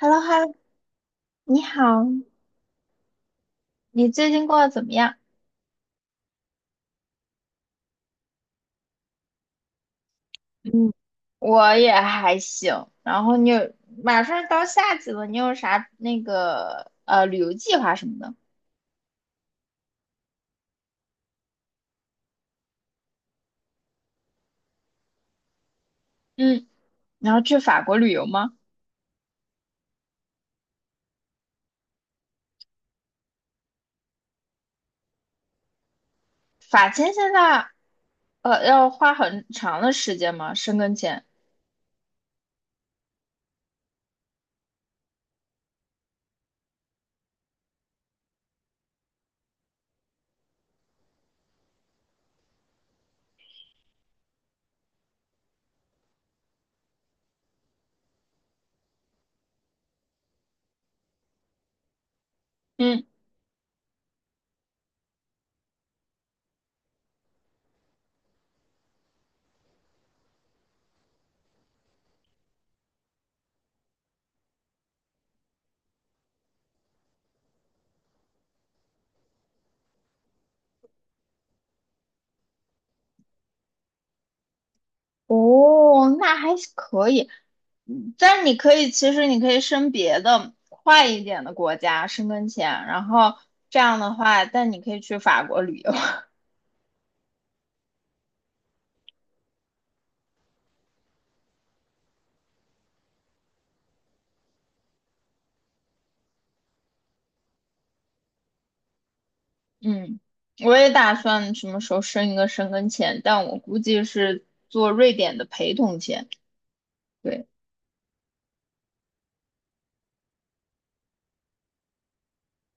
h e l l o h e l l o 你好，你最近过得怎么样？嗯，我也还行。然后马上到夏季了，你有啥那个旅游计划什么的？嗯，你要去法国旅游吗？法签现在要花很长的时间吗？申根签？嗯，哦，那还是可以。嗯但你可以，其实你可以申别的快一点的国家申根签，然后这样的话，但你可以去法国旅游。嗯，我也打算什么时候申一个申根签，但我估计是做瑞典的陪同签。对，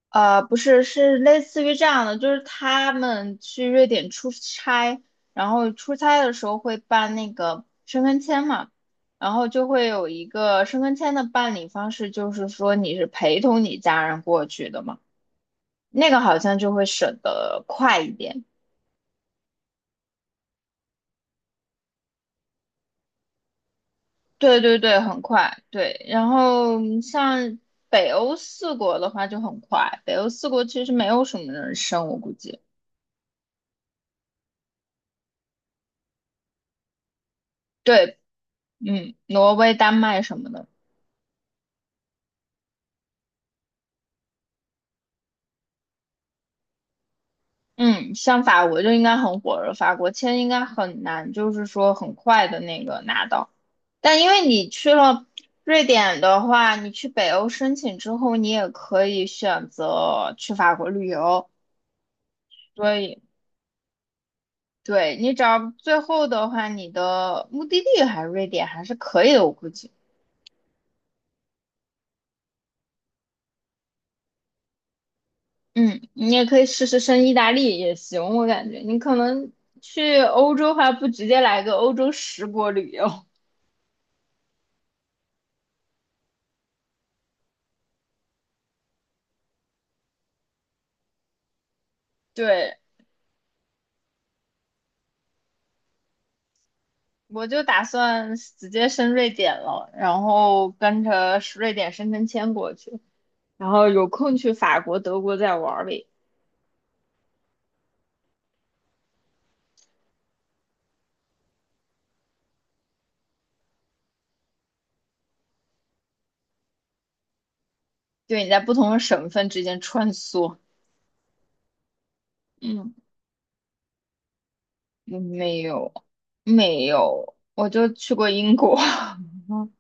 不是，是类似于这样的，就是他们去瑞典出差，然后出差的时候会办那个申根签嘛，然后就会有一个申根签的办理方式，就是说你是陪同你家人过去的嘛，那个好像就会审得快一点。对对对，很快，对。然后嗯像北欧四国的话就很快，北欧四国其实没有什么人生，我估计。对，嗯，挪威、丹麦什么的，嗯，像法国就应该很火热，法国签应该很难，就是说很快的那个拿到。但因为你去了瑞典的话，你去北欧申请之后，你也可以选择去法国旅游。所以。对，你只要最后的话，你的目的地还是瑞典还是可以的，我估计。嗯，你也可以试试升意大利也行，我感觉你可能去欧洲的话，不直接来个欧洲十国旅游。对，我就打算直接升瑞典了，然后跟着瑞典申根签过去，然后有空去法国、德国再玩儿呗。对，你在不同的省份之间穿梭。嗯，没有，没有，我就去过英国。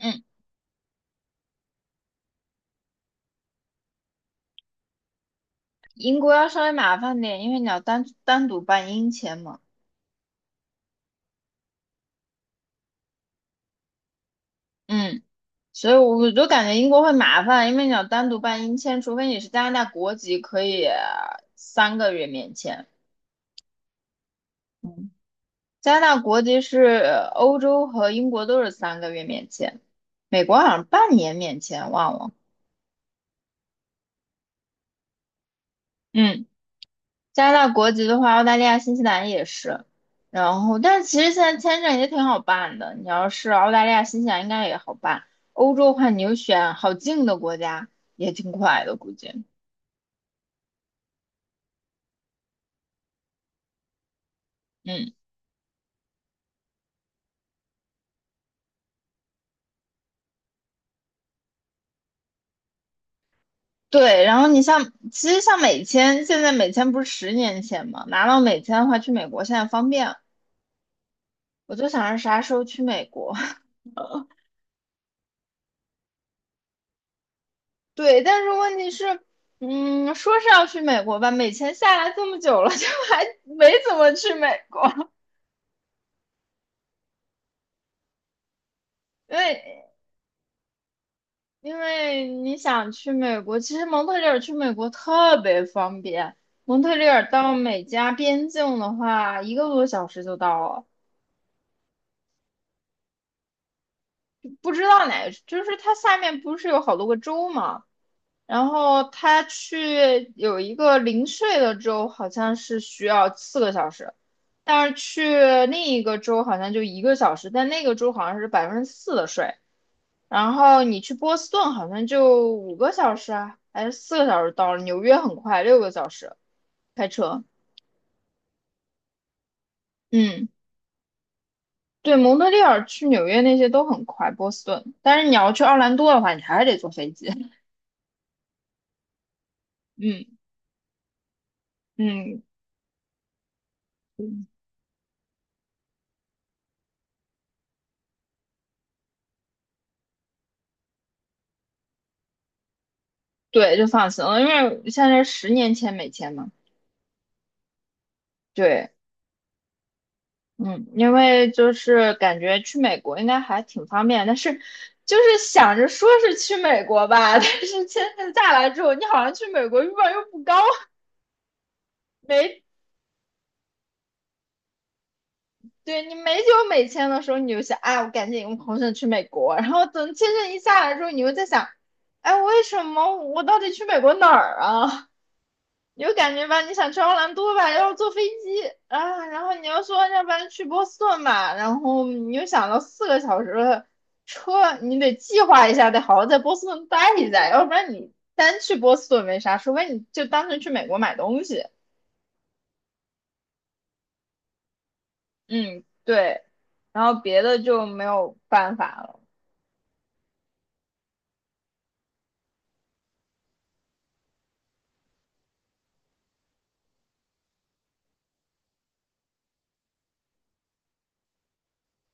嗯，英国要稍微麻烦点，因为你要单独办英签嘛。嗯，所以我就感觉英国会麻烦，因为你要单独办英签，除非你是加拿大国籍，可以三个月免签。嗯，加拿大国籍是欧洲和英国都是三个月免签，美国好像半年免签，忘了。嗯。加拿大国籍的话，澳大利亚、新西兰也是。然后，但其实现在签证也挺好办的。你要是澳大利亚、新西兰，应该也好办。欧洲的话，你就选好近的国家，也挺快的，估计。嗯，对。然后你像，其实像美签，现在美签不是10年前嘛，拿到美签的话，去美国现在方便。我就想着啥时候去美国。对，但是问题是，嗯，说是要去美国吧，美签下来这么久了，就还没怎么去美国。因为因为你想去美国，其实蒙特利尔去美国特别方便。蒙特利尔到美加边境的话，一个多小时就到了。不知道哪个，就是它下面不是有好多个州嘛？然后它去有一个零税的州，好像是需要四个小时，但是去另一个州好像就一个小时，但那个州好像是4%的税。然后你去波斯顿好像就5个小时啊，还是四个小时到了。纽约很快，6个小时开车。嗯，对，蒙特利尔去纽约那些都很快，波斯顿。但是你要去奥兰多的话，你还是得坐飞机。嗯嗯，对，就放心了，因为现在10年签美签嘛。对，嗯，因为就是感觉去美国应该还挺方便，但是就是想着说是去美国吧，但是签证下来之后，你好像去美国欲望又不高。没对你没有美签的时候，你就想，哎，我赶紧我红线去美国。然后等签证一下来之后，你又在想，哎，为什么我到底去美国哪儿啊？你就感觉吧，你想去奥兰多吧，要坐飞机啊，然后你又说，要不然去波士顿吧，然后你又想到四个小时的车，你得计划一下，得好好在波士顿待一下，要不然你单去波士顿没啥，除非你就单纯去美国买东西。嗯，对，然后别的就没有办法了。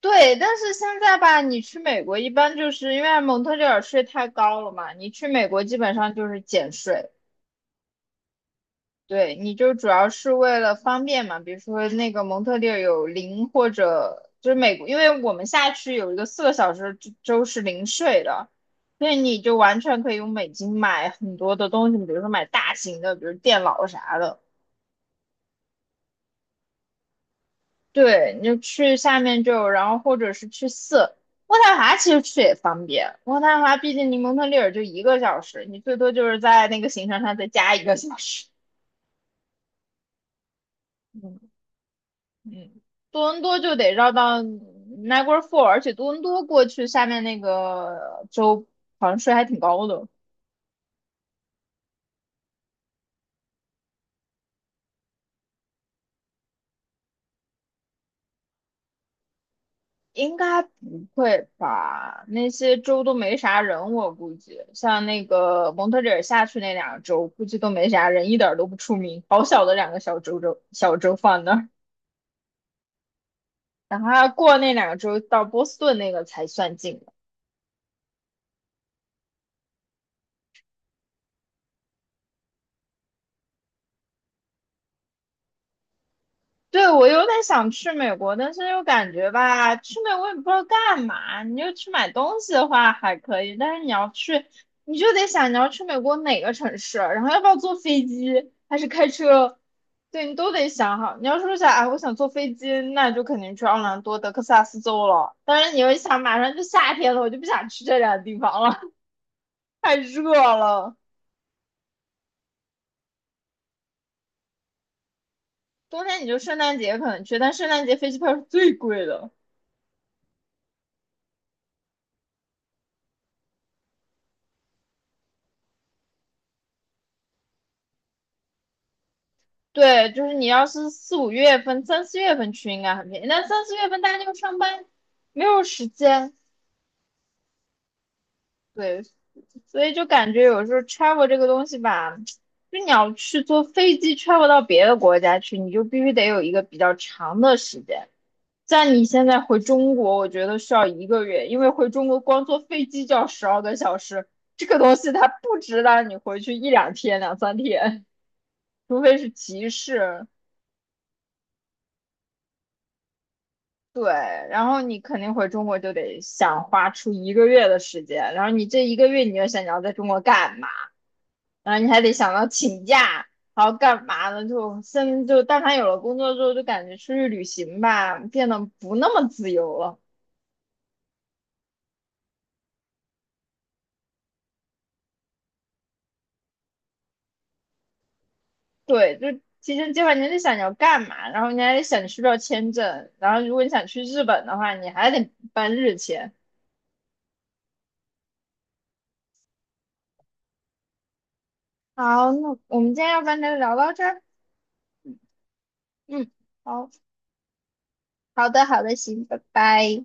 对，但是现在吧，你去美国一般就是因为蒙特利尔税太高了嘛，你去美国基本上就是减税，对，你就主要是为了方便嘛，比如说那个蒙特利尔有零或者就是美国，因为我们下去有一个四个小时之州是零税的，所以你就完全可以用美金买很多的东西，比如说买大型的，比如电脑啥的。对，你就去下面就有然后或者是去渥太华，其实去也方便。渥太华毕竟离蒙特利尔就一个小时，你最多就是在那个行程上再加一个小时。嗯嗯，多伦多就得绕到 Niagara Falls，而且多伦多过去下面那个州好像税还挺高的。应该不会吧？那些州都没啥人，我估计像那个蒙特利尔下去那两个州，估计都没啥人，一点儿都不出名。好小的两个小州放那儿，等他过那两个州到波士顿那个才算近。对，我有点想去美国，但是又感觉吧，去美国也不知道干嘛。你就去买东西的话还可以，但是你要去，你就得想你要去美国哪个城市，然后要不要坐飞机，还是开车，对你都得想好。你要说想，哎，我想坐飞机，那就肯定去奥兰多、德克萨斯州了。但是你又想，马上就夏天了，我就不想去这两个地方了，太热了。冬天你就圣诞节可能去，但圣诞节飞机票是最贵的。对，就是你要是四五月份、三四月份去应该很便宜，但三四月份大家又上班，没有时间，对，所以就感觉有时候 travel 这个东西吧，就你要去坐飞机 travel 到别的国家去，你就必须得有一个比较长的时间。像你现在回中国，我觉得需要一个月，因为回中国光坐飞机就要12个小时，这个东西它不值得你回去一两天、两三天，除非是急事。对，然后你肯定回中国就得想花出一个月的时间，然后你这一个月你就想你要在中国干嘛，然后你还得想到请假，然后干嘛呢？就现在就但凡有了工作之后，就感觉出去旅行吧，变得不那么自由了。对，就提前计划，你还得想你要干嘛，然后你还得想你需不需要签证，然后如果你想去日本的话，你还得办日签。好，那我们今天要不然就聊到这儿。嗯，好，好的，好的，行，拜拜。